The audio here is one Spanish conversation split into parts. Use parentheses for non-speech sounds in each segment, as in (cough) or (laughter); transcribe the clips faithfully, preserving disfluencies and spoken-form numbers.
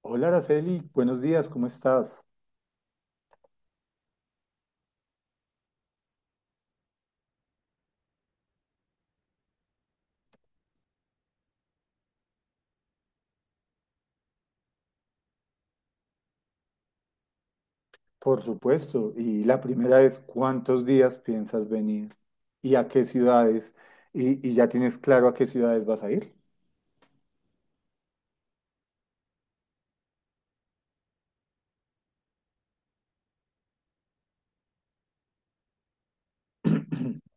Hola, Araceli, buenos días, ¿cómo estás? Por supuesto, y la primera es, ¿cuántos días piensas venir? ¿Y a qué ciudades? ¿Y, y ya tienes claro a qué ciudades vas a ir? (clears throat)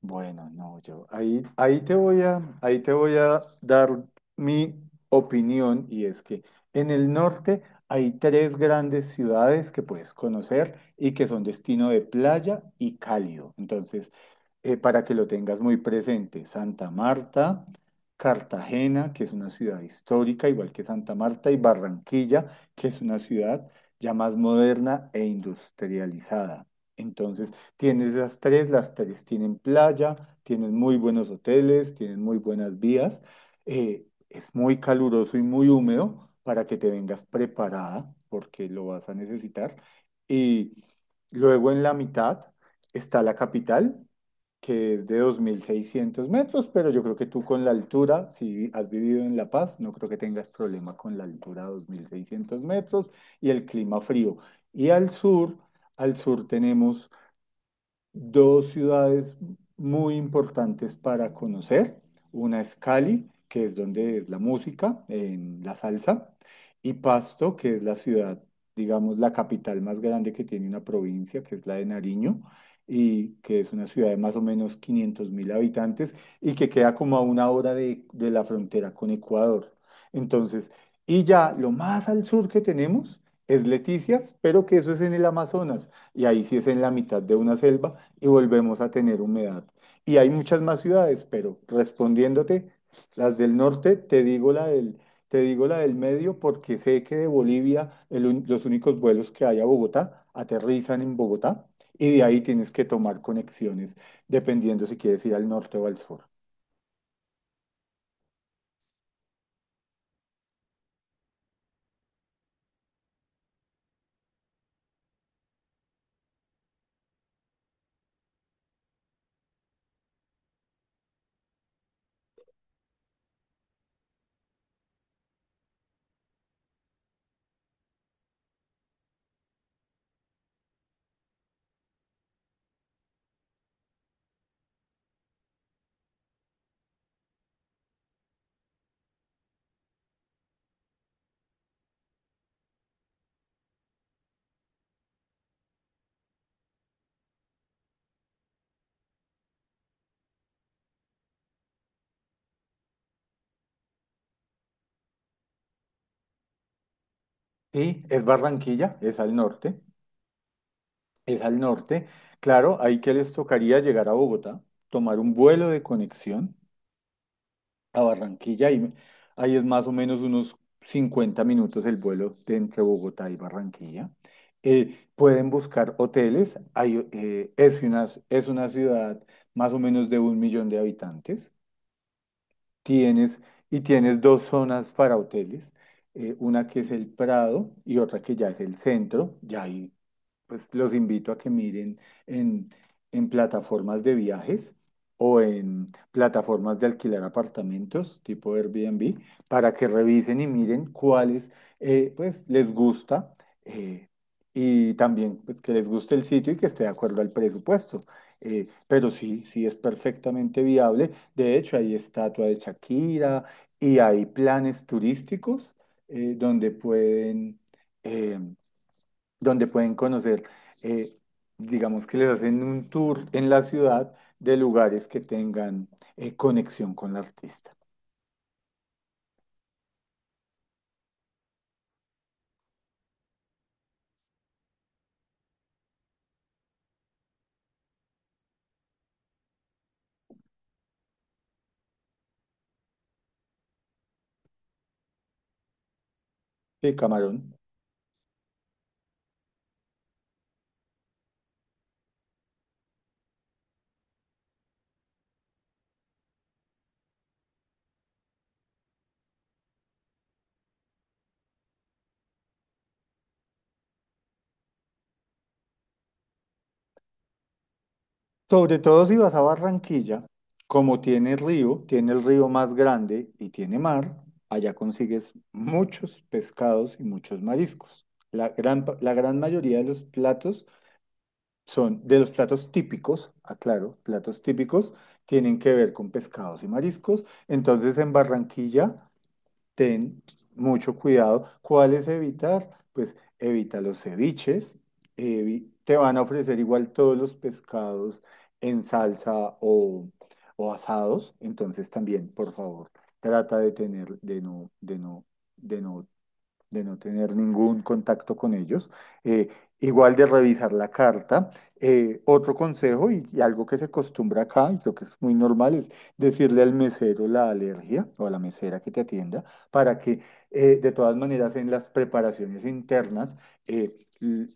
Bueno, no, yo ahí, ahí te voy a, ahí te voy a dar mi opinión y es que en el norte hay tres grandes ciudades que puedes conocer y que son destino de playa y cálido. Entonces, eh, para que lo tengas muy presente. Santa Marta, Cartagena, que es una ciudad histórica, igual que Santa Marta, y Barranquilla, que es una ciudad ya más moderna e industrializada. Entonces, tienes esas tres, las tres tienen playa, tienen muy buenos hoteles, tienen muy buenas vías, eh, es muy caluroso y muy húmedo para que te vengas preparada, porque lo vas a necesitar. Y luego en la mitad está la capital, que es de dos mil seiscientos metros, pero yo creo que tú con la altura, si has vivido en La Paz, no creo que tengas problema con la altura de dos mil seiscientos metros y el clima frío. Y al sur, al sur tenemos dos ciudades muy importantes para conocer. Una es Cali, que es donde es la música, en la salsa, y Pasto, que es la ciudad, digamos, la capital más grande que tiene una provincia, que es la de Nariño, y que es una ciudad de más o menos quinientos mil habitantes y que queda como a una hora de, de la frontera con Ecuador. Entonces, y ya lo más al sur que tenemos es Leticias, pero que eso es en el Amazonas y ahí sí es en la mitad de una selva y volvemos a tener humedad. Y hay muchas más ciudades, pero respondiéndote, las del norte, te digo la del, te digo la del medio porque sé que de Bolivia el un- los únicos vuelos que hay a Bogotá aterrizan en Bogotá y de ahí tienes que tomar conexiones dependiendo si quieres ir al norte o al sur. Sí, es Barranquilla, es al norte, es al norte. Claro, ahí que les tocaría llegar a Bogotá, tomar un vuelo de conexión a Barranquilla y ahí es más o menos unos cincuenta minutos el vuelo de entre Bogotá y Barranquilla. Eh, pueden buscar hoteles. Hay, eh, es una, es una ciudad más o menos de un millón de habitantes. Tienes, y tienes dos zonas para hoteles. Eh, una que es el Prado y otra que ya es el centro. Ya hay pues los invito a que miren en, en plataformas de viajes o en plataformas de alquilar apartamentos tipo Airbnb para que revisen y miren cuáles eh, pues les gusta eh, y también pues que les guste el sitio y que esté de acuerdo al presupuesto. Eh, pero sí, sí es perfectamente viable. De hecho, hay estatua de Shakira y hay planes turísticos eh, donde pueden... em, donde pueden conocer, eh, digamos que les hacen un tour en la ciudad de lugares que tengan eh, conexión con el artista. El Camarón. Sobre todo si vas a Barranquilla, como tiene río, tiene el río más grande y tiene mar, allá consigues muchos pescados y muchos mariscos. La gran, pa- la gran mayoría de los platos son, de los platos típicos, aclaro, platos típicos, tienen que ver con pescados y mariscos. Entonces en Barranquilla ten mucho cuidado. ¿Cuáles evitar? Pues evita los ceviches. Evi- te van a ofrecer igual todos los pescados en salsa o, o asados. Entonces también, por favor, trata de tener, de no, de no, de no de no tener ningún contacto con ellos. Eh, Igual de revisar la carta. Eh, otro consejo y, y algo que se acostumbra acá y creo que es muy normal es decirle al mesero la alergia o a la mesera que te atienda para que eh, de todas maneras en las preparaciones internas eh, l-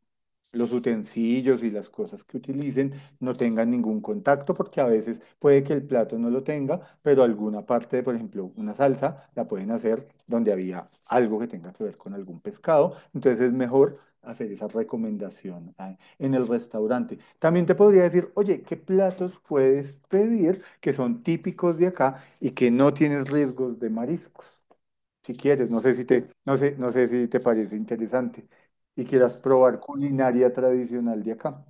los utensilios y las cosas que utilicen no tengan ningún contacto, porque a veces puede que el plato no lo tenga, pero alguna parte, por ejemplo, una salsa, la pueden hacer donde había algo que tenga que ver con algún pescado. Entonces es mejor hacer esa recomendación ah, en el restaurante. También te podría decir, oye, ¿qué platos puedes pedir que son típicos de acá y que no tienes riesgos de mariscos? Si quieres, no sé si te, no sé, no sé si te parece interesante y quieras probar culinaria tradicional de acá.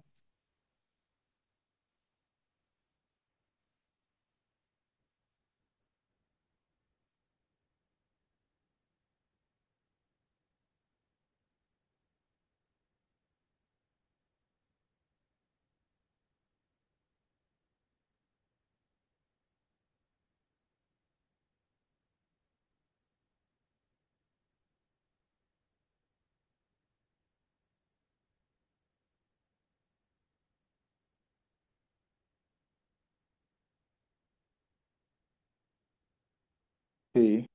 Sí.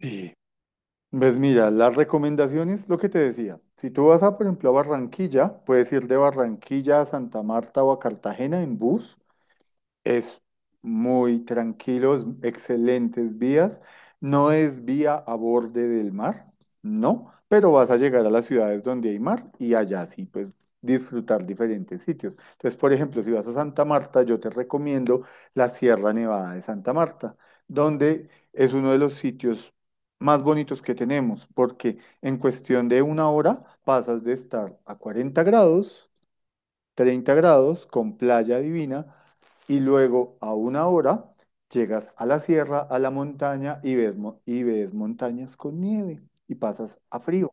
Sí. Pues mira, las recomendaciones, lo que te decía, si tú vas a, por ejemplo, a Barranquilla, puedes ir de Barranquilla a Santa Marta o a Cartagena en bus. Es muy tranquilo, es excelentes vías. No es vía a borde del mar, no, pero vas a llegar a las ciudades donde hay mar y allá sí, pues disfrutar diferentes sitios. Entonces, por ejemplo, si vas a Santa Marta, yo te recomiendo la Sierra Nevada de Santa Marta, donde es uno de los sitios más bonitos que tenemos, porque en cuestión de una hora pasas de estar a cuarenta grados, treinta grados, con playa divina y luego a una hora llegas a la sierra, a la montaña y ves, mo- y ves montañas con nieve y pasas a frío.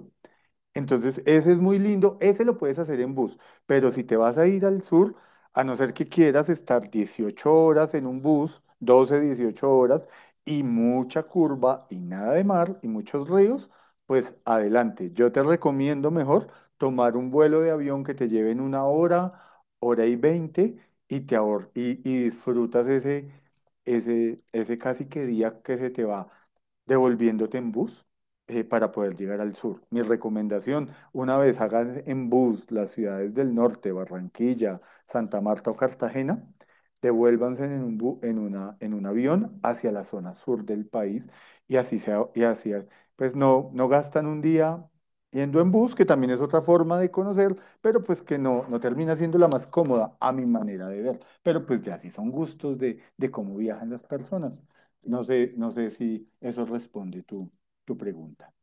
Entonces, ese es muy lindo, ese lo puedes hacer en bus, pero si te vas a ir al sur, a no ser que quieras estar dieciocho horas en un bus, doce, dieciocho horas, y mucha curva y nada de mar y muchos ríos, pues adelante. Yo te recomiendo mejor tomar un vuelo de avión que te lleven una hora, hora y veinte, y te ahor y, y disfrutas ese, ese, ese casi que día que se te va devolviéndote en bus eh, para poder llegar al sur. Mi recomendación, una vez hagan en bus las ciudades del norte, Barranquilla, Santa Marta o Cartagena, devuélvanse en un, bu- en una, en un avión hacia la zona sur del país y así sea, y así, pues no, no gastan un día yendo en bus, que también es otra forma de conocer, pero pues que no, no termina siendo la más cómoda a mi manera de ver. Pero pues ya sí son gustos de, de cómo viajan las personas. No sé, no sé si eso responde tú tu pregunta.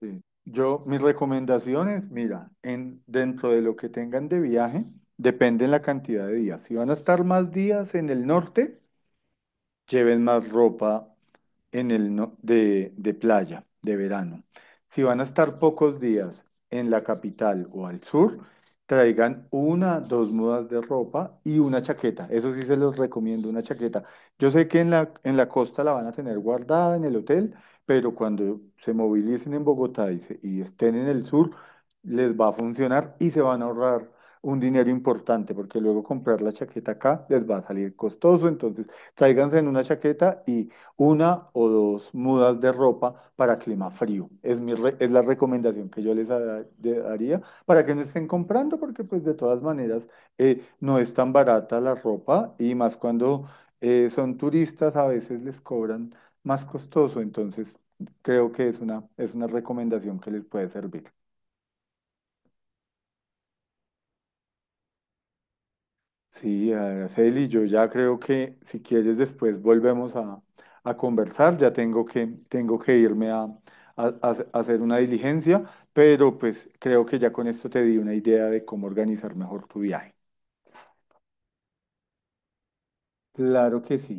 Sí. Yo, mis recomendaciones, mira, en, dentro de lo que tengan de viaje, depende la cantidad de días. Si van a estar más días en el norte, lleven más ropa en el no- de, de playa, de verano. Si van a estar pocos días en la capital o al sur, traigan una, dos mudas de ropa y una chaqueta. Eso sí se los recomiendo, una chaqueta. Yo sé que en la, en la costa la van a tener guardada en el hotel, pero cuando se movilicen en Bogotá y, se- y estén en el sur, les va a funcionar y se van a ahorrar un dinero importante, porque luego comprar la chaqueta acá les va a salir costoso. Entonces, tráiganse en una chaqueta y una o dos mudas de ropa para clima frío. Es mi re- es la recomendación que yo les da- de- daría para que no estén comprando, porque pues de todas maneras eh, no es tan barata la ropa y más cuando eh, son turistas a veces les cobran más costoso, entonces creo que es una, es una recomendación que les puede servir. Sí, Araceli, yo ya creo que si quieres después volvemos a, a conversar, ya tengo que, tengo que irme a, a- a hace- a hacer una diligencia, pero pues creo que ya con esto te di una idea de cómo organizar mejor tu viaje. Claro que sí.